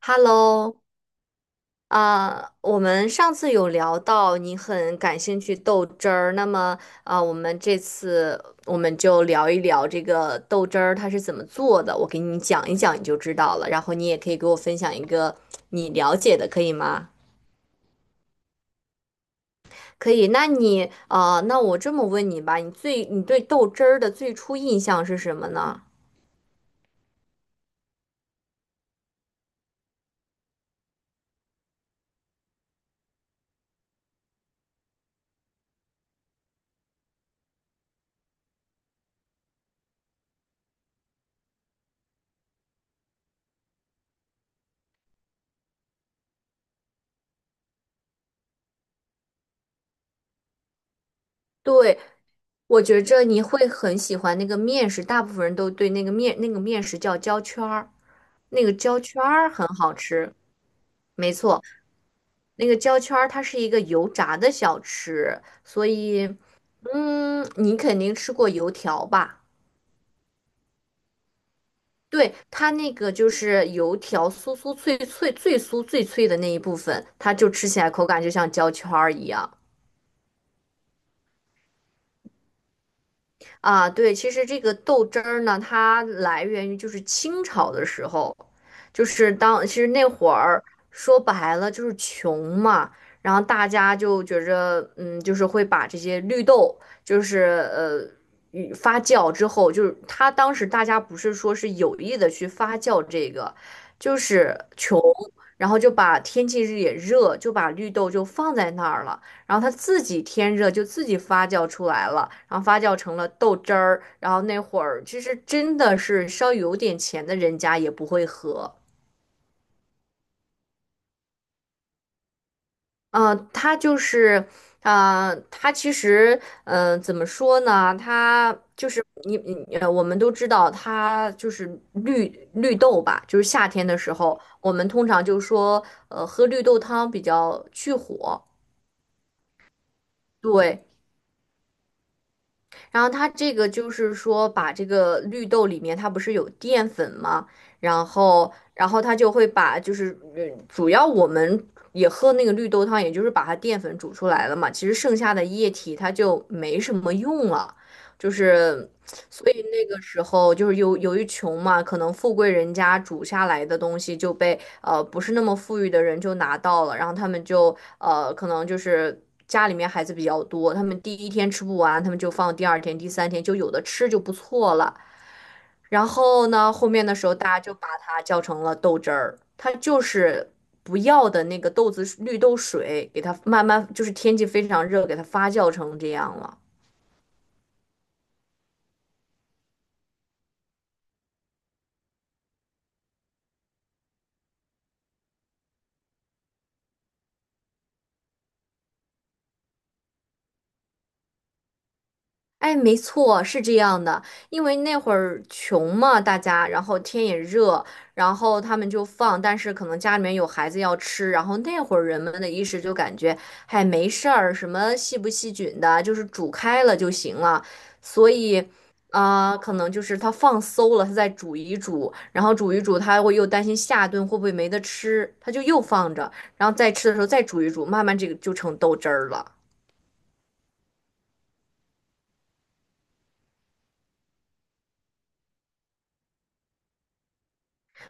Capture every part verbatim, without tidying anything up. Hello。啊、我们上次有聊到你很感兴趣豆汁儿，那么啊、我们这次我们就聊一聊这个豆汁儿它是怎么做的，我给你讲一讲你就知道了，然后你也可以给我分享一个你了解的，可以吗？可以。那你啊、那我这么问你吧，你最你对豆汁儿的最初印象是什么呢？对，我觉着你会很喜欢那个面食，大部分人都对那个面那个面食叫焦圈儿，那个焦圈儿很好吃。没错，那个焦圈儿它是一个油炸的小吃，所以嗯，你肯定吃过油条吧？对，它那个就是油条酥酥脆脆最酥最脆的那一部分，它就吃起来口感就像焦圈儿一样。啊，对，其实这个豆汁儿呢，它来源于就是清朝的时候，就是当其实那会儿说白了就是穷嘛，然后大家就觉着，嗯，就是会把这些绿豆，就是呃与发酵之后，就是它当时大家不是说是有意的去发酵这个，就是穷，然后就把天气也热，就把绿豆就放在那儿了。然后它自己天热就自己发酵出来了，然后发酵成了豆汁儿。然后那会儿其实真的是稍微有点钱的人家也不会喝。嗯、它就是，啊、它其实，嗯、怎么说呢？它就是你你呃，我们都知道它就是绿绿豆吧，就是夏天的时候，我们通常就说，呃，喝绿豆汤比较去火。对，然后它这个就是说，把这个绿豆里面它不是有淀粉吗？然后，然后它就会把就是呃主要我们也喝那个绿豆汤，也就是把它淀粉煮出来了嘛。其实剩下的液体它就没什么用了，就是所以那个时候就是由由于穷嘛，可能富贵人家煮下来的东西就被。呃不是那么富裕的人就拿到了，然后他们就呃可能就是家里面孩子比较多，他们第一天吃不完，他们就放第二天、第三天，就有的吃就不错了。然后呢，后面的时候大家就把它叫成了豆汁儿，它就是不要的那个豆子绿豆水，给它慢慢就是天气非常热，给它发酵成这样了。哎，没错，是这样的，因为那会儿穷嘛，大家，然后天也热，然后他们就放，但是可能家里面有孩子要吃，然后那会儿人们的意识就感觉，嗨，没事儿，什么细不细菌的，就是煮开了就行了，所以，啊、可能就是他放馊了，他再煮一煮，然后煮一煮，他会又担心下顿会不会没得吃，他就又放着，然后再吃的时候再煮一煮，慢慢这个就成豆汁儿了。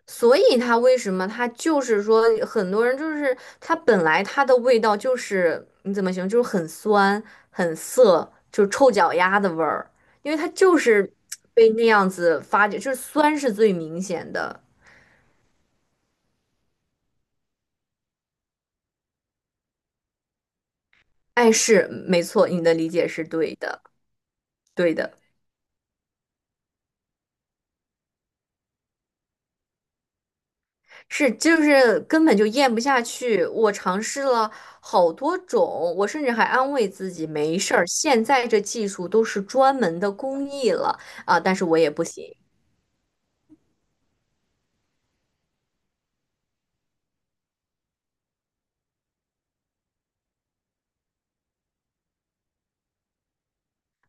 所以它为什么它就是说很多人就是它本来它的味道就是你怎么形容，就是很酸很涩，就是臭脚丫的味儿，因为它就是被那样子发酵，就是酸是最明显的。哎，是没错，你的理解是对的，对的，是就是根本就咽不下去。我尝试了好多种，我甚至还安慰自己没事儿，现在这技术都是专门的工艺了啊，但是我也不行。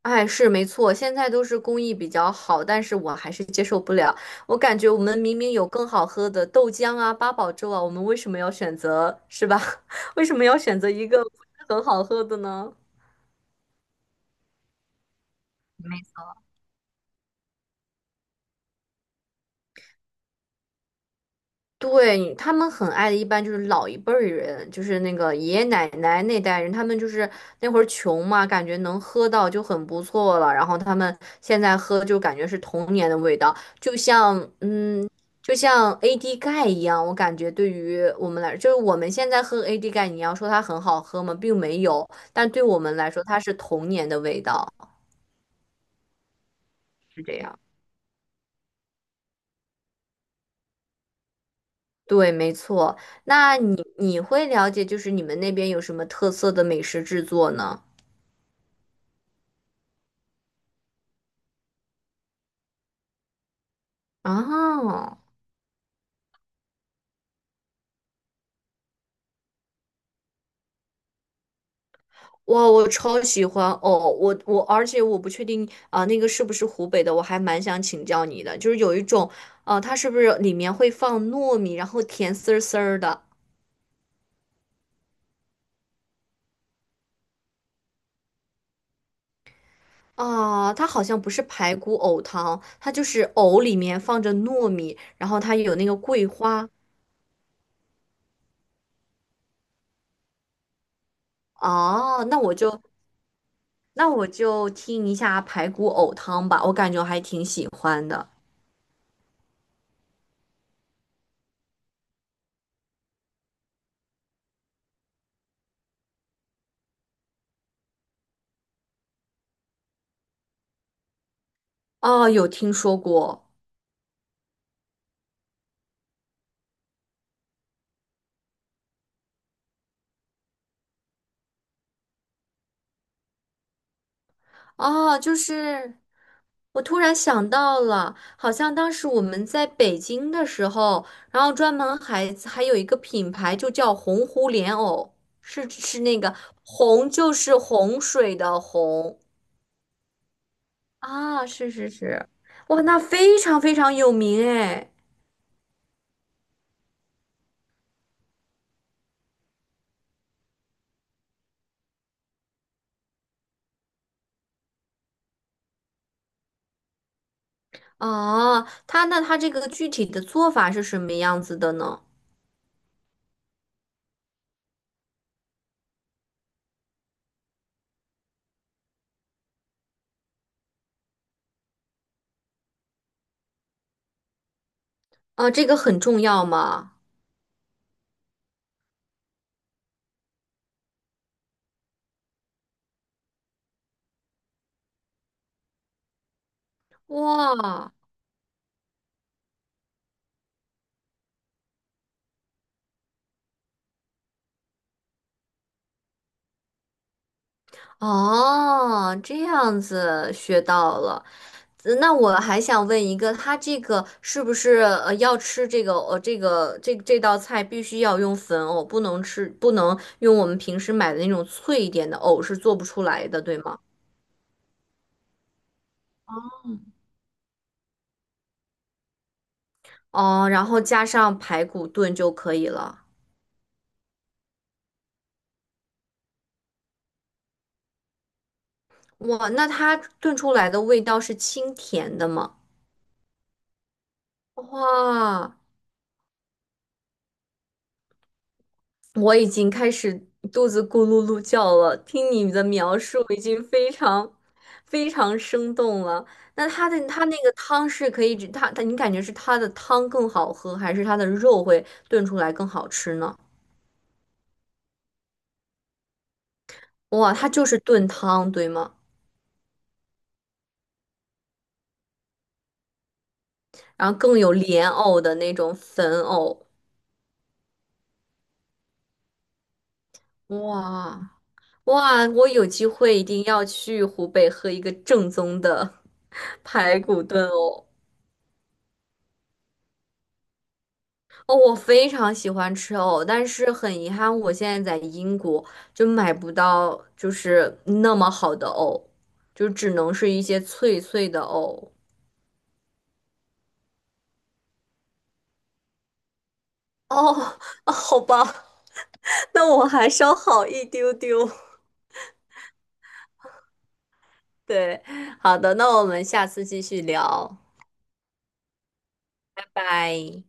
哎，是没错，现在都是工艺比较好，但是我还是接受不了。我感觉我们明明有更好喝的豆浆啊、八宝粥啊，我们为什么要选择，是吧？为什么要选择一个不是很好喝的呢？对，他们很爱的，一般就是老一辈儿人，就是那个爷爷奶奶那代人，他们就是那会儿穷嘛，感觉能喝到就很不错了。然后他们现在喝就感觉是童年的味道，就像就像 A D 钙一样，我感觉对于我们来，就是我们现在喝 A D 钙，你要说它很好喝吗？并没有，但对我们来说，它是童年的味道，是这样。对，没错。那你你会了解，就是你们那边有什么特色的美食制作呢？啊，哇，我超喜欢哦！我我，而且我不确定啊、那个是不是湖北的？我还蛮想请教你的，就是有一种，呃，它是不是里面会放糯米，然后甜丝儿丝儿的？啊，它好像不是排骨藕汤，它就是藕里面放着糯米，然后它有那个桂花。哦，那我就那我就听一下排骨藕汤吧，我感觉我还挺喜欢的。哦，有听说过。哦，就是我突然想到了，好像当时我们在北京的时候，然后专门还还有一个品牌就叫洪湖莲藕，是是那个洪就是洪水的洪。啊，是是是，哇，那非常非常有名哎。哦，他那他这个具体的做法是什么样子的呢？啊，这个很重要吗？哇，哦，这样子学到了。呃那我还想问一个，他这个是不是呃要吃这个呃这个这这道菜必须要用粉藕，不能吃不能用我们平时买的那种脆一点的藕是做不出来的，对吗？哦，然后加上排骨炖就可以了。哇，那它炖出来的味道是清甜的吗？哇，我已经开始肚子咕噜噜叫了，听你的描述已经非常非常生动了。那它的它那个汤是可以只，它它你感觉是它的汤更好喝，还是它的肉会炖出来更好吃呢？哇，它就是炖汤，对吗？然后更有莲藕的那种粉藕，哇。哇，我有机会一定要去湖北喝一个正宗的 排骨炖藕。哦，我非常喜欢吃藕，但是很遗憾，我现在在英国就买不到，就是那么好的藕，就只能是一些脆脆的藕。哦，好吧，那我还稍好一丢丢。对，好的，那我们下次继续聊，拜拜。